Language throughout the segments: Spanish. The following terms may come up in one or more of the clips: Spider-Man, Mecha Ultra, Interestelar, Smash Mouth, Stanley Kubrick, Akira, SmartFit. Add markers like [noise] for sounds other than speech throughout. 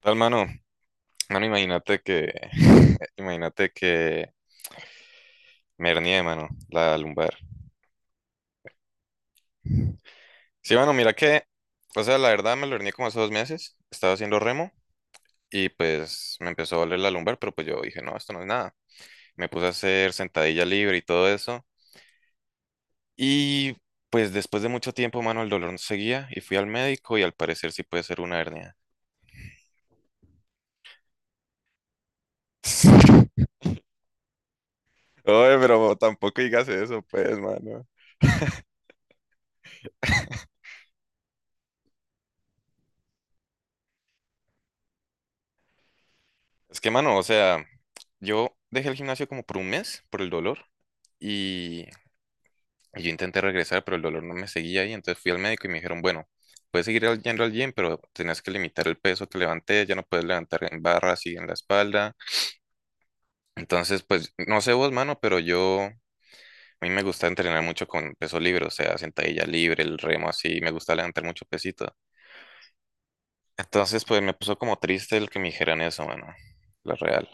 Tal mano, mano, imagínate que, [laughs] imagínate que me hernié, mano, la lumbar. Sí, mano, mira que, o sea, la verdad me lo hernié como hace 2 meses, estaba haciendo remo y pues me empezó a doler la lumbar, pero pues yo dije, no, esto no es nada. Me puse a hacer sentadilla libre y todo eso. Y pues después de mucho tiempo, mano, el dolor no seguía y fui al médico y al parecer sí puede ser una hernia. [laughs] Oye, pero tampoco digas eso, pues, mano. Es que, mano, o sea, yo dejé el gimnasio como por un mes por el dolor y, y yo intenté regresar, pero el dolor no me seguía ahí. Entonces fui al médico y me dijeron, bueno, puedes seguir yendo al gym, pero tenías que limitar el peso que levanté, ya no puedes levantar en barras y en la espalda. Entonces, pues, no sé vos, mano, pero yo, a mí me gusta entrenar mucho con peso libre, o sea, sentadilla libre, el remo así, me gusta levantar mucho pesito. Entonces, pues, me puso como triste el que me dijeran eso, mano, la real.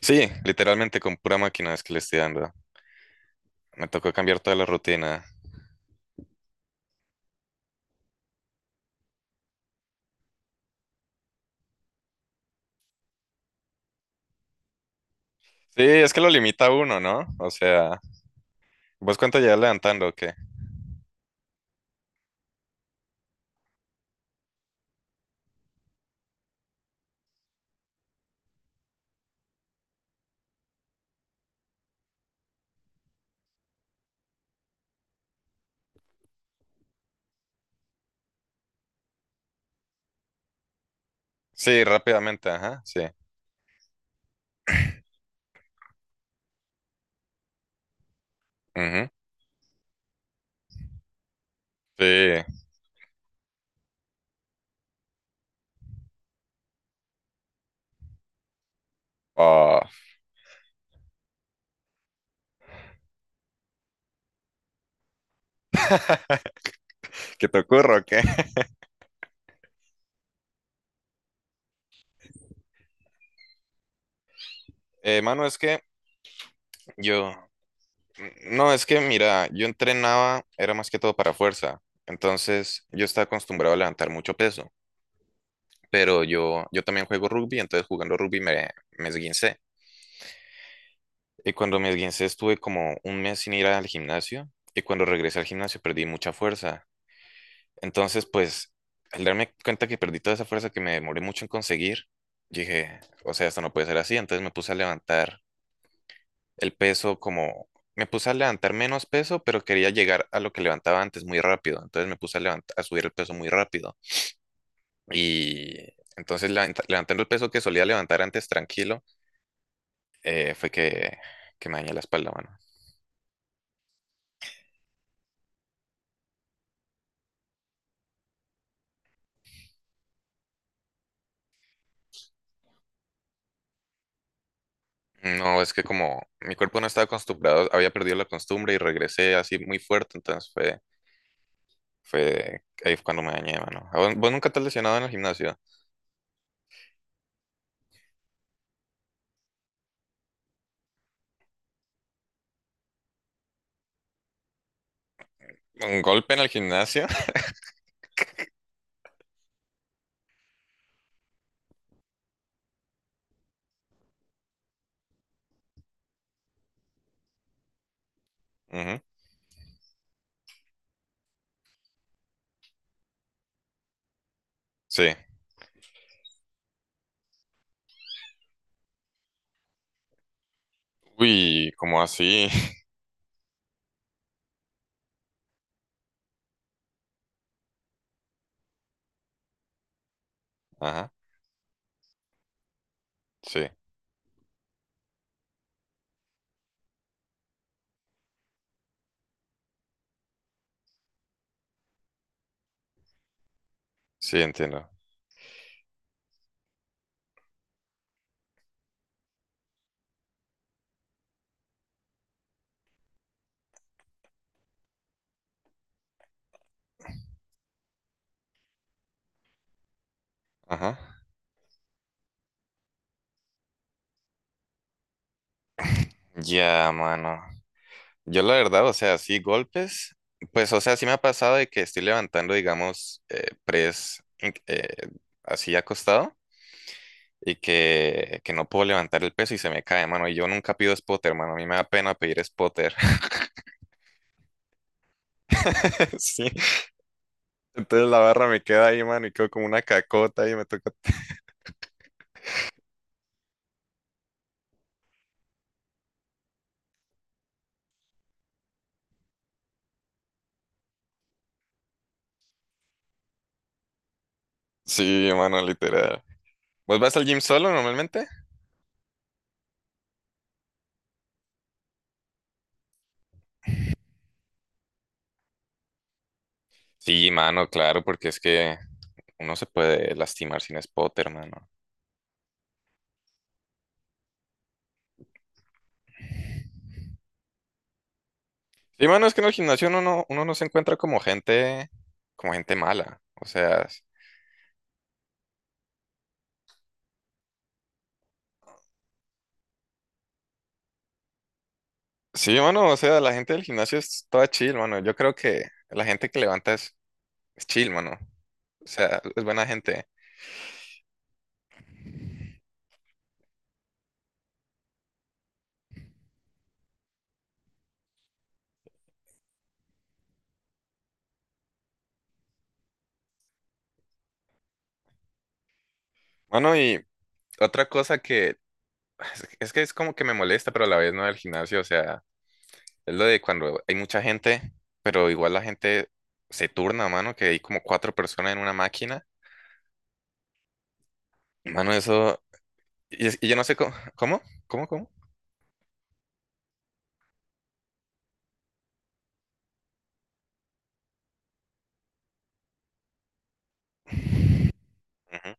Sí, literalmente con pura máquina es que le estoy dando. Me tocó cambiar toda la rutina. Sí, es que lo limita a uno, ¿no? O sea, ¿vos cuánto llevas levantando o qué? Sí, rápidamente, ajá, sí. Ujú. Sí. Oh, ¿qué te ocurre o qué? [laughs] Mano, es que yo, no, es que mira, yo entrenaba, era más que todo para fuerza. Entonces, yo estaba acostumbrado a levantar mucho peso. Pero yo, también juego rugby, entonces jugando rugby me esguincé. Y cuando me esguincé estuve como un mes sin ir al gimnasio. Y cuando regresé al gimnasio perdí mucha fuerza. Entonces, pues, al darme cuenta que perdí toda esa fuerza que me demoré mucho en conseguir, dije, o sea, esto no puede ser así. Entonces me puse a levantar el peso como, me puse a levantar menos peso, pero quería llegar a lo que levantaba antes muy rápido. Entonces me puse a a subir el peso muy rápido. Y entonces levantando el peso que solía levantar antes tranquilo, fue que me dañé la espalda, mano. No, es que como mi cuerpo no estaba acostumbrado, había perdido la costumbre y regresé así muy fuerte, entonces fue ahí fue cuando me dañé, mano. ¿A ¿Vos, nunca te has lesionado en el gimnasio? ¿Un golpe en el gimnasio? [laughs] Ujú. Sí. Uy, como así? [laughs] Ajá. Sí. Sí, entiendo. Ajá. Ya, mano. Yo la verdad, o sea, sí, golpes. Pues, o sea, sí me ha pasado de que estoy levantando, digamos, así acostado y que no puedo levantar el peso y se me cae, mano. Y yo nunca pido spotter, mano. A mí me da pena pedir spotter. [laughs] Sí. Entonces la barra me queda ahí, mano, y quedo como una cacota y me toca. Sí, mano, literal. ¿Vos vas al gym solo normalmente? Sí, mano, claro, porque es que uno se puede lastimar sin spotter, mano. Sí, mano, es que en el gimnasio uno no se encuentra como gente mala. Sí, mano, o sea, la gente del gimnasio es toda chill, mano. Yo creo que la gente que levanta es chill, mano. O sea, es buena gente. Mano, y otra cosa que es que es como que me molesta, pero a la vez no del gimnasio, o sea. Es lo de cuando hay mucha gente, pero igual la gente se turna, mano, que hay como cuatro personas en una máquina. Mano, eso. Y, y yo no sé cómo. ¿Cómo? ¿Cómo? ¿Cómo? Ujú.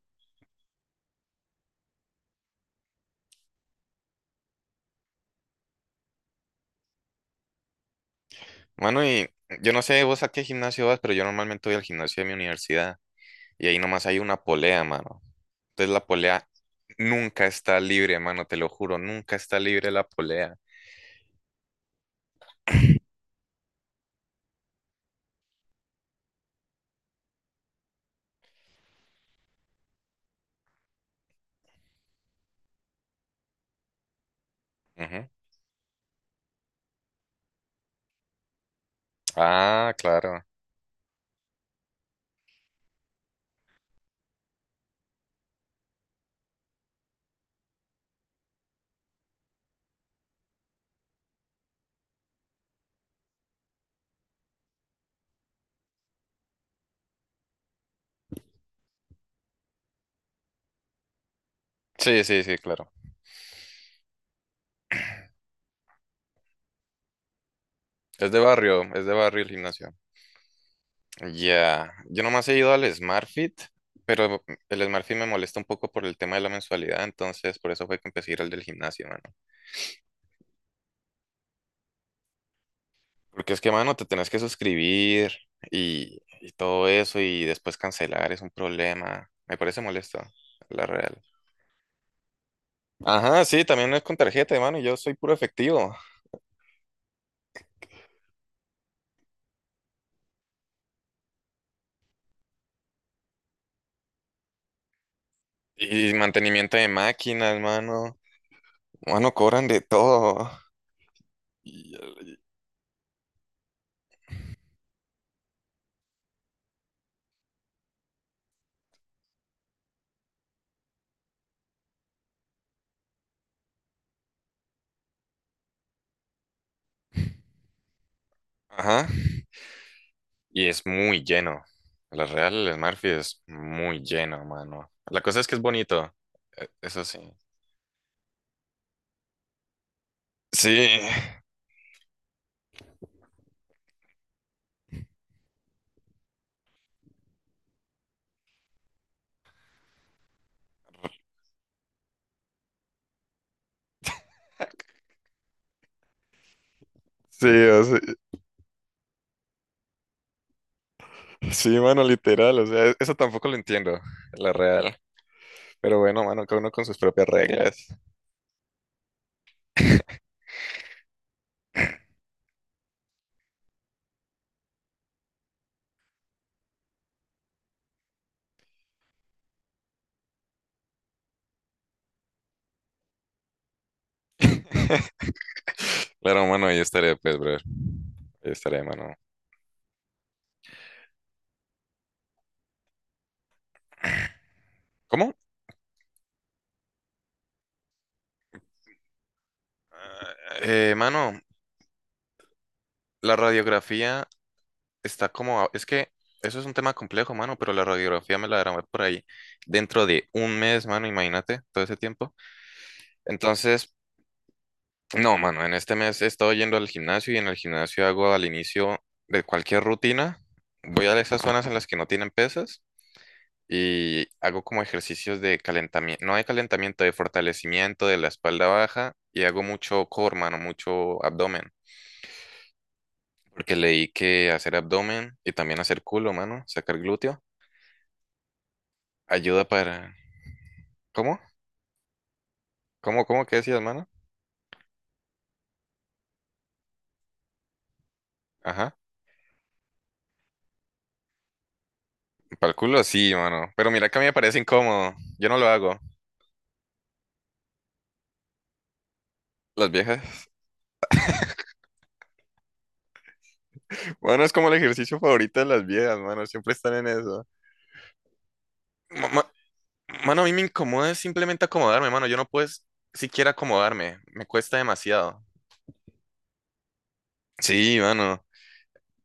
Mano, y yo no sé vos a qué gimnasio vas, pero yo normalmente voy al gimnasio de mi universidad y ahí nomás hay una polea, mano. Entonces la polea nunca está libre, mano, te lo juro, nunca está libre la polea. Ujú. Ah, claro. Sí, sí, sí, claro. Es de barrio el gimnasio. Ya, yo nomás he ido al SmartFit, pero el SmartFit me molesta un poco por el tema de la mensualidad, entonces por eso fue que empecé a ir al del gimnasio, mano. Porque es que, mano, te tenés que suscribir y todo eso y después cancelar es un problema. Me parece molesto, la real. Ajá, sí, también es con tarjeta, mano, y yo soy puro efectivo. Y mantenimiento de máquinas, mano. Mano, cobran de todo. Y, ajá. Y es muy lleno. La Real, el Smurfy es muy lleno, mano. La cosa es que es bonito. E- Eso sí. Sí, [laughs] sí, o sea, sí, mano, literal. O sea, eso tampoco lo entiendo, la Real. Pero bueno, mano, cada uno con sus propias reglas. [laughs] Claro, mano, ahí estaré, pues, brother. Ahí estaré, mano. ¿Cómo? Ah, eh, mano, la radiografía está como... Es que eso es un tema complejo, mano, pero la radiografía me la darán por ahí dentro de un mes, mano, imagínate, todo ese tiempo. Entonces, no, mano, en este mes he estado yendo al gimnasio y en el gimnasio hago al inicio de cualquier rutina, voy a esas zonas en las que no tienen pesas y hago como ejercicios de calentamiento, no de calentamiento, de fortalecimiento de la espalda baja y hago mucho core, mano, mucho abdomen, porque leí que hacer abdomen y también hacer culo, mano, sacar glúteo, ayuda para... ¿Cómo? ¿Cómo? ¿Cómo? ¿Qué decías, mano? Ajá. Para el culo sí, mano, pero mira que a mí me parece incómodo, yo no lo hago. Las viejas. Bueno, es como el ejercicio favorito de las viejas, mano. Siempre están en eso. Ma- ma- Mano, a mí me incomoda simplemente acomodarme, mano. Yo no puedo siquiera acomodarme. Me cuesta demasiado. Sí, mano.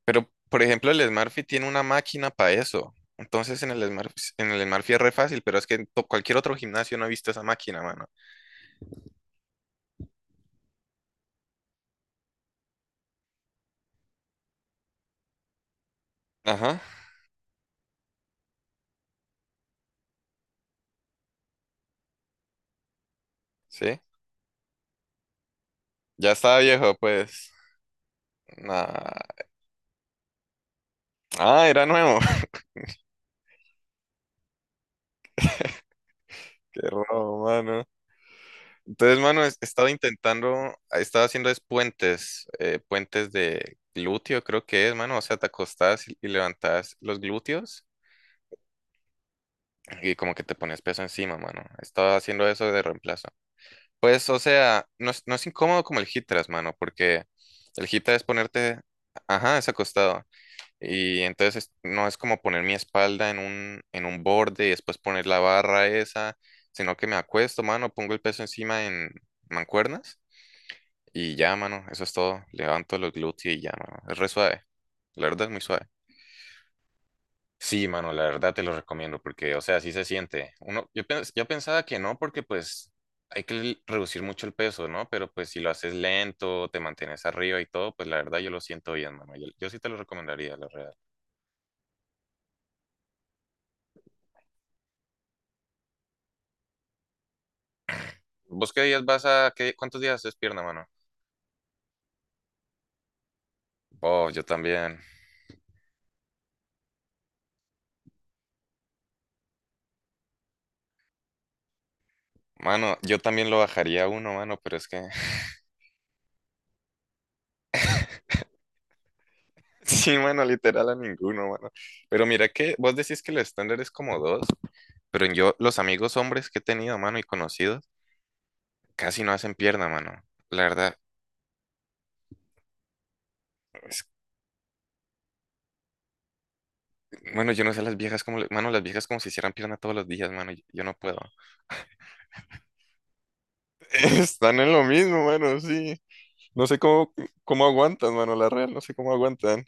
Pero, por ejemplo, el Smartfit tiene una máquina para eso. Entonces, en el Smartfit es re fácil, pero es que en cualquier otro gimnasio no he visto esa máquina, mano. Ajá, sí. Ya estaba viejo, pues. Nah. Ah, era nuevo. [laughs] Qué robo, mano. Entonces, mano, he estado intentando, he estado haciendo es puentes, puentes de glúteo, creo que es, mano. O sea, te acostás y levantás los glúteos y como que te pones peso encima, mano. He estado haciendo eso de reemplazo. Pues, o sea, no es incómodo como el hip thrust, mano, porque el hip thrust es ponerte, ajá, es acostado. Y no es como poner mi espalda en un borde y después poner la barra esa, sino que me acuesto, mano, pongo el peso encima en mancuernas. Y ya, mano, eso es todo. Levanto los glúteos y ya, mano. Es re suave. La verdad es muy suave. Sí, mano, la verdad te lo recomiendo porque, o sea, sí se siente. Uno, yo pensaba que no porque pues hay que reducir mucho el peso, ¿no? Pero pues si lo haces lento, te mantienes arriba y todo, pues la verdad yo lo siento bien, mano. Yo sí te lo recomendaría, la verdad. ¿Vos qué días cuántos días haces pierna, mano? Oh, yo también. Mano, yo también lo bajaría a uno, mano, pero es que sí, mano, literal a ninguno, mano. Pero mira que vos decís que el estándar es como dos, pero yo, los amigos hombres que he tenido, mano, y conocidos, casi no hacen pierna, mano. La verdad, es que- bueno, yo no sé las viejas mano, las viejas como si hicieran pierna todos los días, mano, yo no puedo. [laughs] Están en lo mismo, mano, sí. No sé cómo aguantan, mano, la real, no sé cómo aguantan.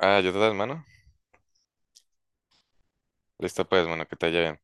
Ah, yo te das, mano. Listo, pues, mano, que te haya bien.